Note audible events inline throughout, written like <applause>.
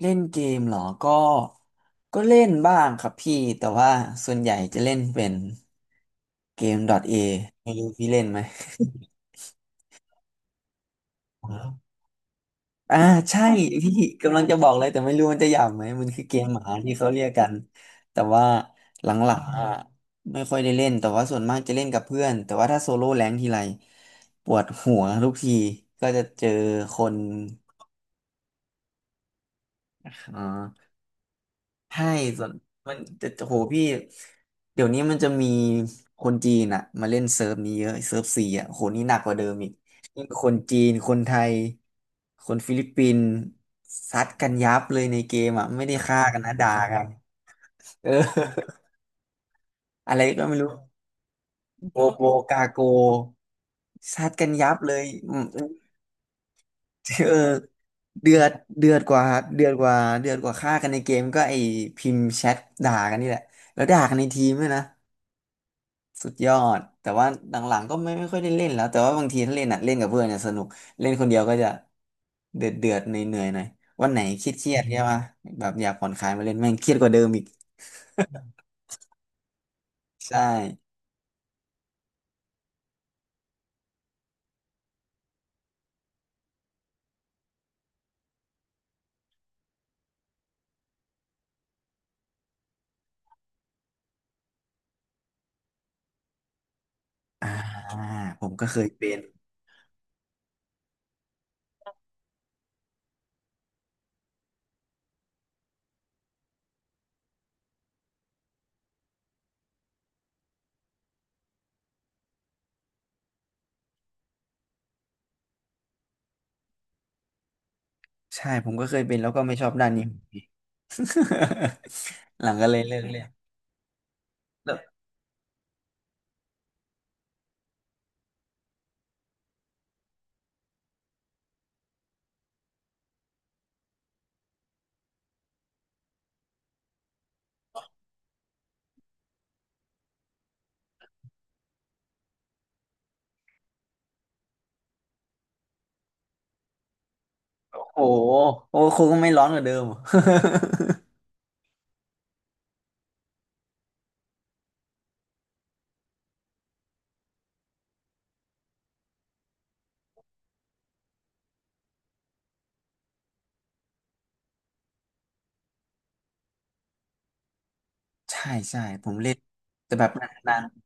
เล่นเกมเหรอ ก็เล่นบ้างครับพี่แต่ว่าส่วนใหญ่จะเล่นเป็นเกม .A ไม่รู้พี่เล่นไหมออ <laughs> อ่าใช่พี่กำลังจะบอกเลยแต่ไม่รู้มันจะหยาบไหมมันคือเกมหมาที่เขาเรียกกันแต่ว่าหลังๆอ่ะไม่ค่อยได้เล่นแต่ว่าส่วนมากจะเล่นกับเพื่อนแต่ว่าถ้าโซโล่แรงค์ทีไรปวดหัวทุกทีก็จะเจอคนอ่า ใช่ส่วนมันจะโหพี่เดี๋ยวนี้มันจะมีคนจีนอ่ะมาเล่นเซิร์ฟนี้เยอะเซิร์ฟซีอ่ะโหนี่หนักกว่าเดิมอีกยิ่งคนจีนคนไทยคนฟิลิปปินส์ซัดกันยับเลยในเกมอ่ะไม่ได้ฆ่ากันนะด่ากันเอออะไรก็ไม่รู้โกโบกาโกซัดกันยับเลยอืมเออเดือดเดือดกว่าเดือดกว่าเดือดกว่าฆ่ากันในเกมก็ไอพิมพ์แชทด่ากันนี่แหละแล้วด่ากันในทีมด้วยนะ สุดยอดแต่ว่าหลังๆก็ไม่ค่อยได้เล่นแล้วแต่ว่าบางทีถ้าเล่นอ่ะเล่นกับเพื่อนเนี่ยสนุกเล่นคนเดียวก็จะเดือดเหนื่อยหน่อยวันไหนเครียดใช่ปะแบบอยากผ่อนคลายมาเล่นแม่งเครียดกว่าเดิมอีกใช่อ่าผมก็เคยเป็นใช่ผมก็เคยเป็นแล้วก็ไม่ชอบด้านนี้ <laughs> หลังก็เลยเลิกเล่นแล้วโอ้โหโอ้โหครูก็ไม่ร้อนกว่าเดิม <laughs> ใช่ใช่ผมเล่นแต่แบบนาน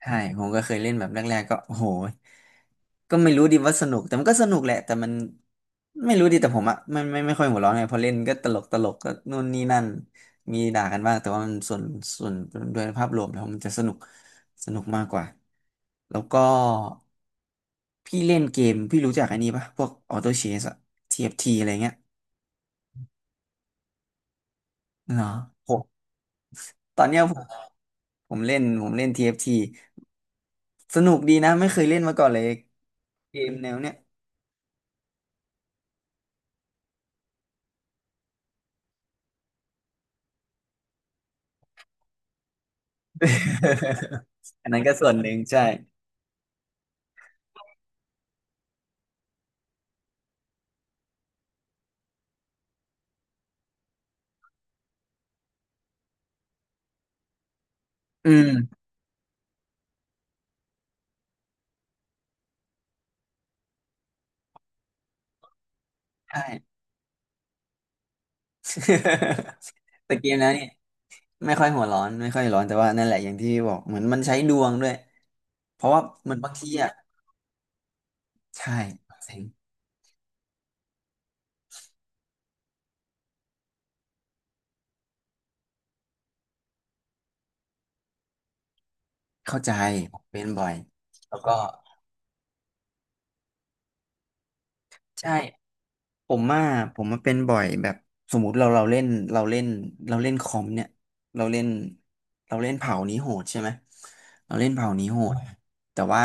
ใช่ผมก็เคยเล่นแบบแรกๆก็โอ้โหก็ไม่รู้ดิว่าสนุกแต่มันก็สนุกแหละแต่มันไม่รู้ดิแต่ผมอะไม่ค่อยหัวร้อนไงพอเล่นก็ตลกตลกก็นู่นนี่นั่นมีด่ากันบ้างแต่ว่ามันส่วนโดยภาพรวมแล้วมันจะสนุกสนุกมากกว่าแล้วก็พี่เล่นเกมพี่รู้จักอันนี้ปะพวกออโต้เชสอะ t ี t อฟทีอะไรเงี้ยเนาะผมตอนเนี้ยผมเล่น TFT สนุกดีนะไม่เคยเล่นมาก่อนเลย เกมแนวเนี้ย <laughs> อันนั้นก็ส่วนหนึ่งใช่ อืมใช่ <laughs> แต่เกมแล้วเนี่ยไม่ค่อยหัวร้อนไม่ค่อยร้อนแต่ว่านั่นแหละอย่างที่บอกเหมือนมันใช้ดวงด้วยเพราะว่ามันบางทีอ่ะใช่เซ็งเข้าใจผมเป็นบ่อยแล้วก็ใช่ ผมว่าผมมาเป็นบ่อยแบบสมมุติเราเราเล่นเล่นคอมเนี่ยเราเล่นเราเล่นเผ่านี้โหดใช่ไหมเราเล่นเผ่านี้โหดแต่ว่า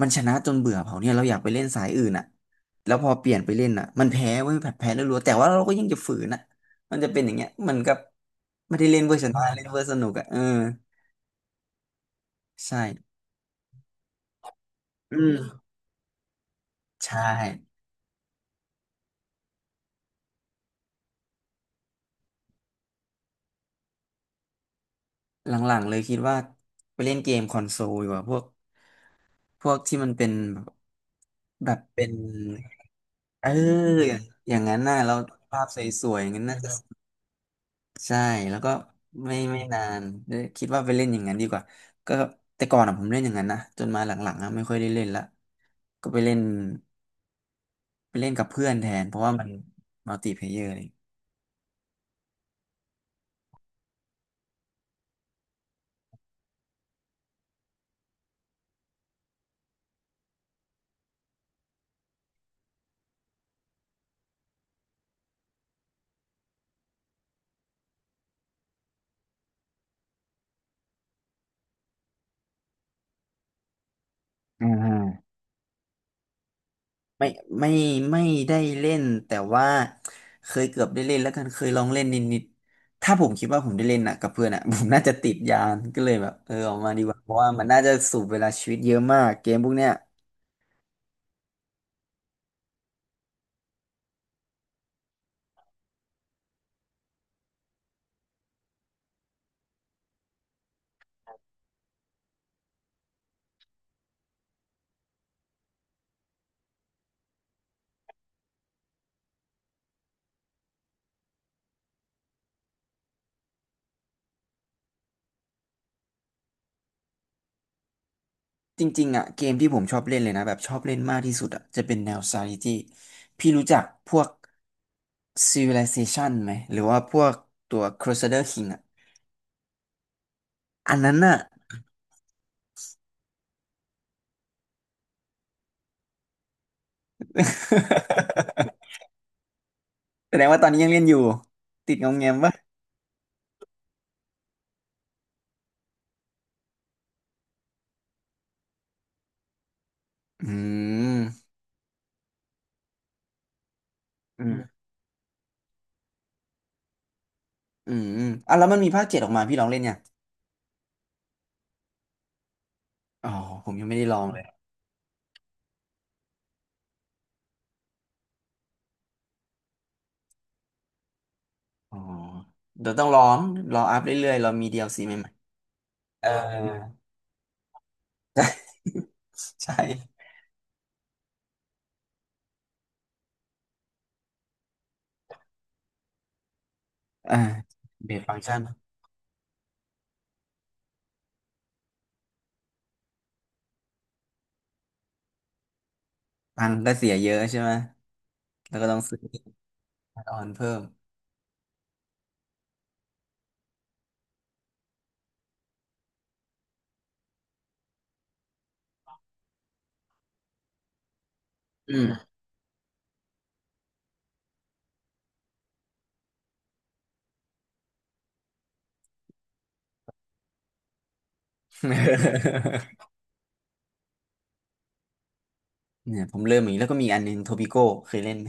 มันชนะจนเบื่อเผ่าเนี่ยเราอยากไปเล่นสายอื่นอ่ะแล้วพอเปลี่ยนไปเล่นอ่ะมันแพ้เว้ยแบบแพ้แล้วรัวแต่ว่าเราก็ยังจะฝืนอ่ะมันจะเป็นอย่างเงี้ยมันก็ไม่ได้เล่นเวอร์ชนะ่เล่นเวอร์สนุกอ่ะเออใช่อืมใช่หลังๆเลยคิดว่าไปเล่นเกมคอนโซลดีกว่าพวกที่มันเป็น แบบเป็นเอออย่างนั้นน่ะเราภาพสวยๆอย่างนั้นน่าจะใช่แล้วก็ไม่นานเอยคิดว่าไปเล่นอย่างนั้นดีกว่าก็แต่ก่อนอ่ะผมเล่นอย่างนั้นนะจนมาหลังๆอ่ะไม่ค่อยได้เล่นละก็ไปเล่นไปเล่นกับเพื่อนแทนเพราะว่ามันมัลติเพลเยอร์เลยอ่า ไม่ไม่ไม่ได้เล่นแต่ว่าเคยเกือบได้เล่นแล้วกันเคยลองเล่นนิดๆถ้าผมคิดว่าผมได้เล่นน่ะกับเพื่อนอ่ะ <laughs> ผมน่าจะติดยานก็เลยแบบเออออกมาดีกว่าเพราะว่ามันน่าจะสูบเวลาชีวิตเยอะมากเกมพวกเนี้ยจริงๆอ่ะเกมที่ผมชอบเล่นเลยนะแบบชอบเล่นมากที่สุดอ่ะจะเป็นแนว strategy พี่รู้จักพวก Civilization ไหมหรือว่าพวกตัว Crusader King อ่ะอันนั้นน่ะ <laughs> แสดงว่าตอนนี้ยังเล่นอยู่ติดงอมแงมปะอืมอืม อืมอ่ะแล้วมันมีภาคเจ็ดออกมาพี่ลองเล่นยังอ๋อผมยังไม่ได้ลองเลยอ๋อเดี๋ยวต้องลองรออัพเรื่อยๆเรามีดีแอลซีใหม่ๆเออใช่อ่าเบสฟังก์ชันตังค์ก็เสียเยอะใช่ไหมแล้วก็ต้องซื้อแอดออนเพิ่มอืม <laughs> เนี่ยผมเริ่มอีกแล้วก็มีอันหนึงโทปิโก้เคยเล่นไหม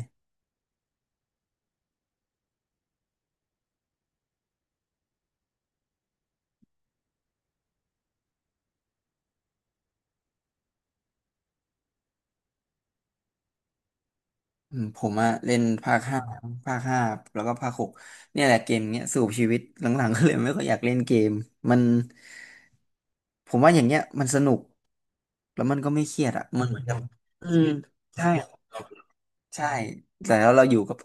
อืมผมอะเล่นภาคห้าภาคห้าแล้วก็ภาคหกเนี่ยแหละเกมเนี้ยสูบชีวิตหลังๆก็เลยไม่ค่อยอยากเล่นเกมมันผมว่าอย่างเงี้ยมันสนุกแล้วมันก็ไม่เครียดอะมันเหมือนกับอืมใช่ใช่แต่แล้วเราอยู่กับ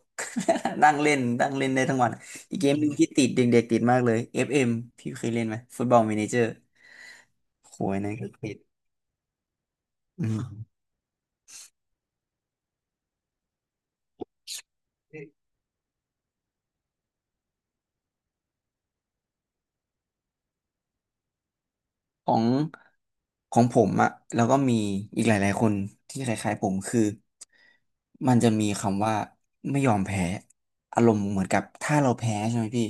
<laughs> นั่งเล่นนั่งเล่นได้ทั้งวันอีกเกมหนึ่งที่ติดเด็กๆติดมากเลย FM พี่เคยเล่นไหมฟุตบอล m ม n นเจอร์โหยนะก็ติดอืม ของของผมอะแล้วก็มีอีกหลายๆคนที่คล้ายๆผมคือมันจะมีคำว่าไม่ยอมแพ้อารมณ์เหมือนกับถ้าเราแพ้ใช่ไหมพี่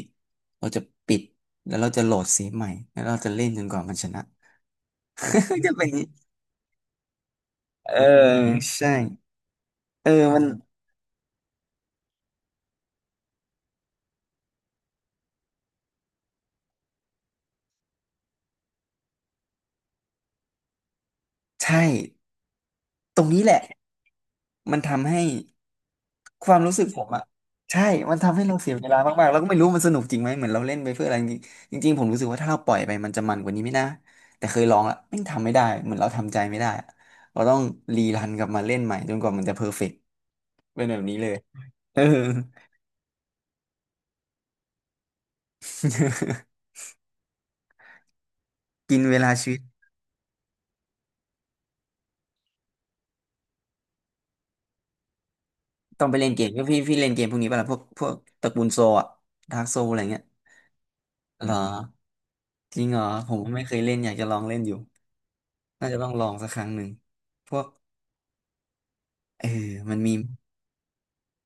เราจะปิดแล้วเราจะโหลดเซฟใหม่แล้วเราจะเล่นจนกว่ามันชนะ <laughs> จะเป็นอย่างนี้เออใช่เออมันใช่ ตรงนี้แหละมันทำให้ความรู้สึกผมอะใช่มันทำให้เราเสียเวลามากๆแล้วก็ไม่รู้มันสนุกจริงไหมเหมือนเราเล่นไปเพื่ออะไรจริงจริงๆผมรู้สึกว่าถ้าเราปล่อยไปมันจะมันกว่านี้ไม่นะแต่เคยลองละไม่งทำไม่ได้เหมือนเราทำใจไม่ได้อะเราต้องรีรันกลับมาเล่นใหม่จนกว่ามันจะเพอร์เฟกต์เป็นแบบนี้เลยเออ <laughs> กินเวลาชีวิตต้องไปเล่นเกมก็พี่เล่นเกมพวกนี้ป่ะล่ะพวกตระกูลโซอะากโซอะไรเงี้ยหรอจริงหรอผมไม่เคยเล่นอยากจะลองเล่นอยู่ น่าจะต้องลองสักครั้งหนึ่งพวกเออมันมี <laughs> ม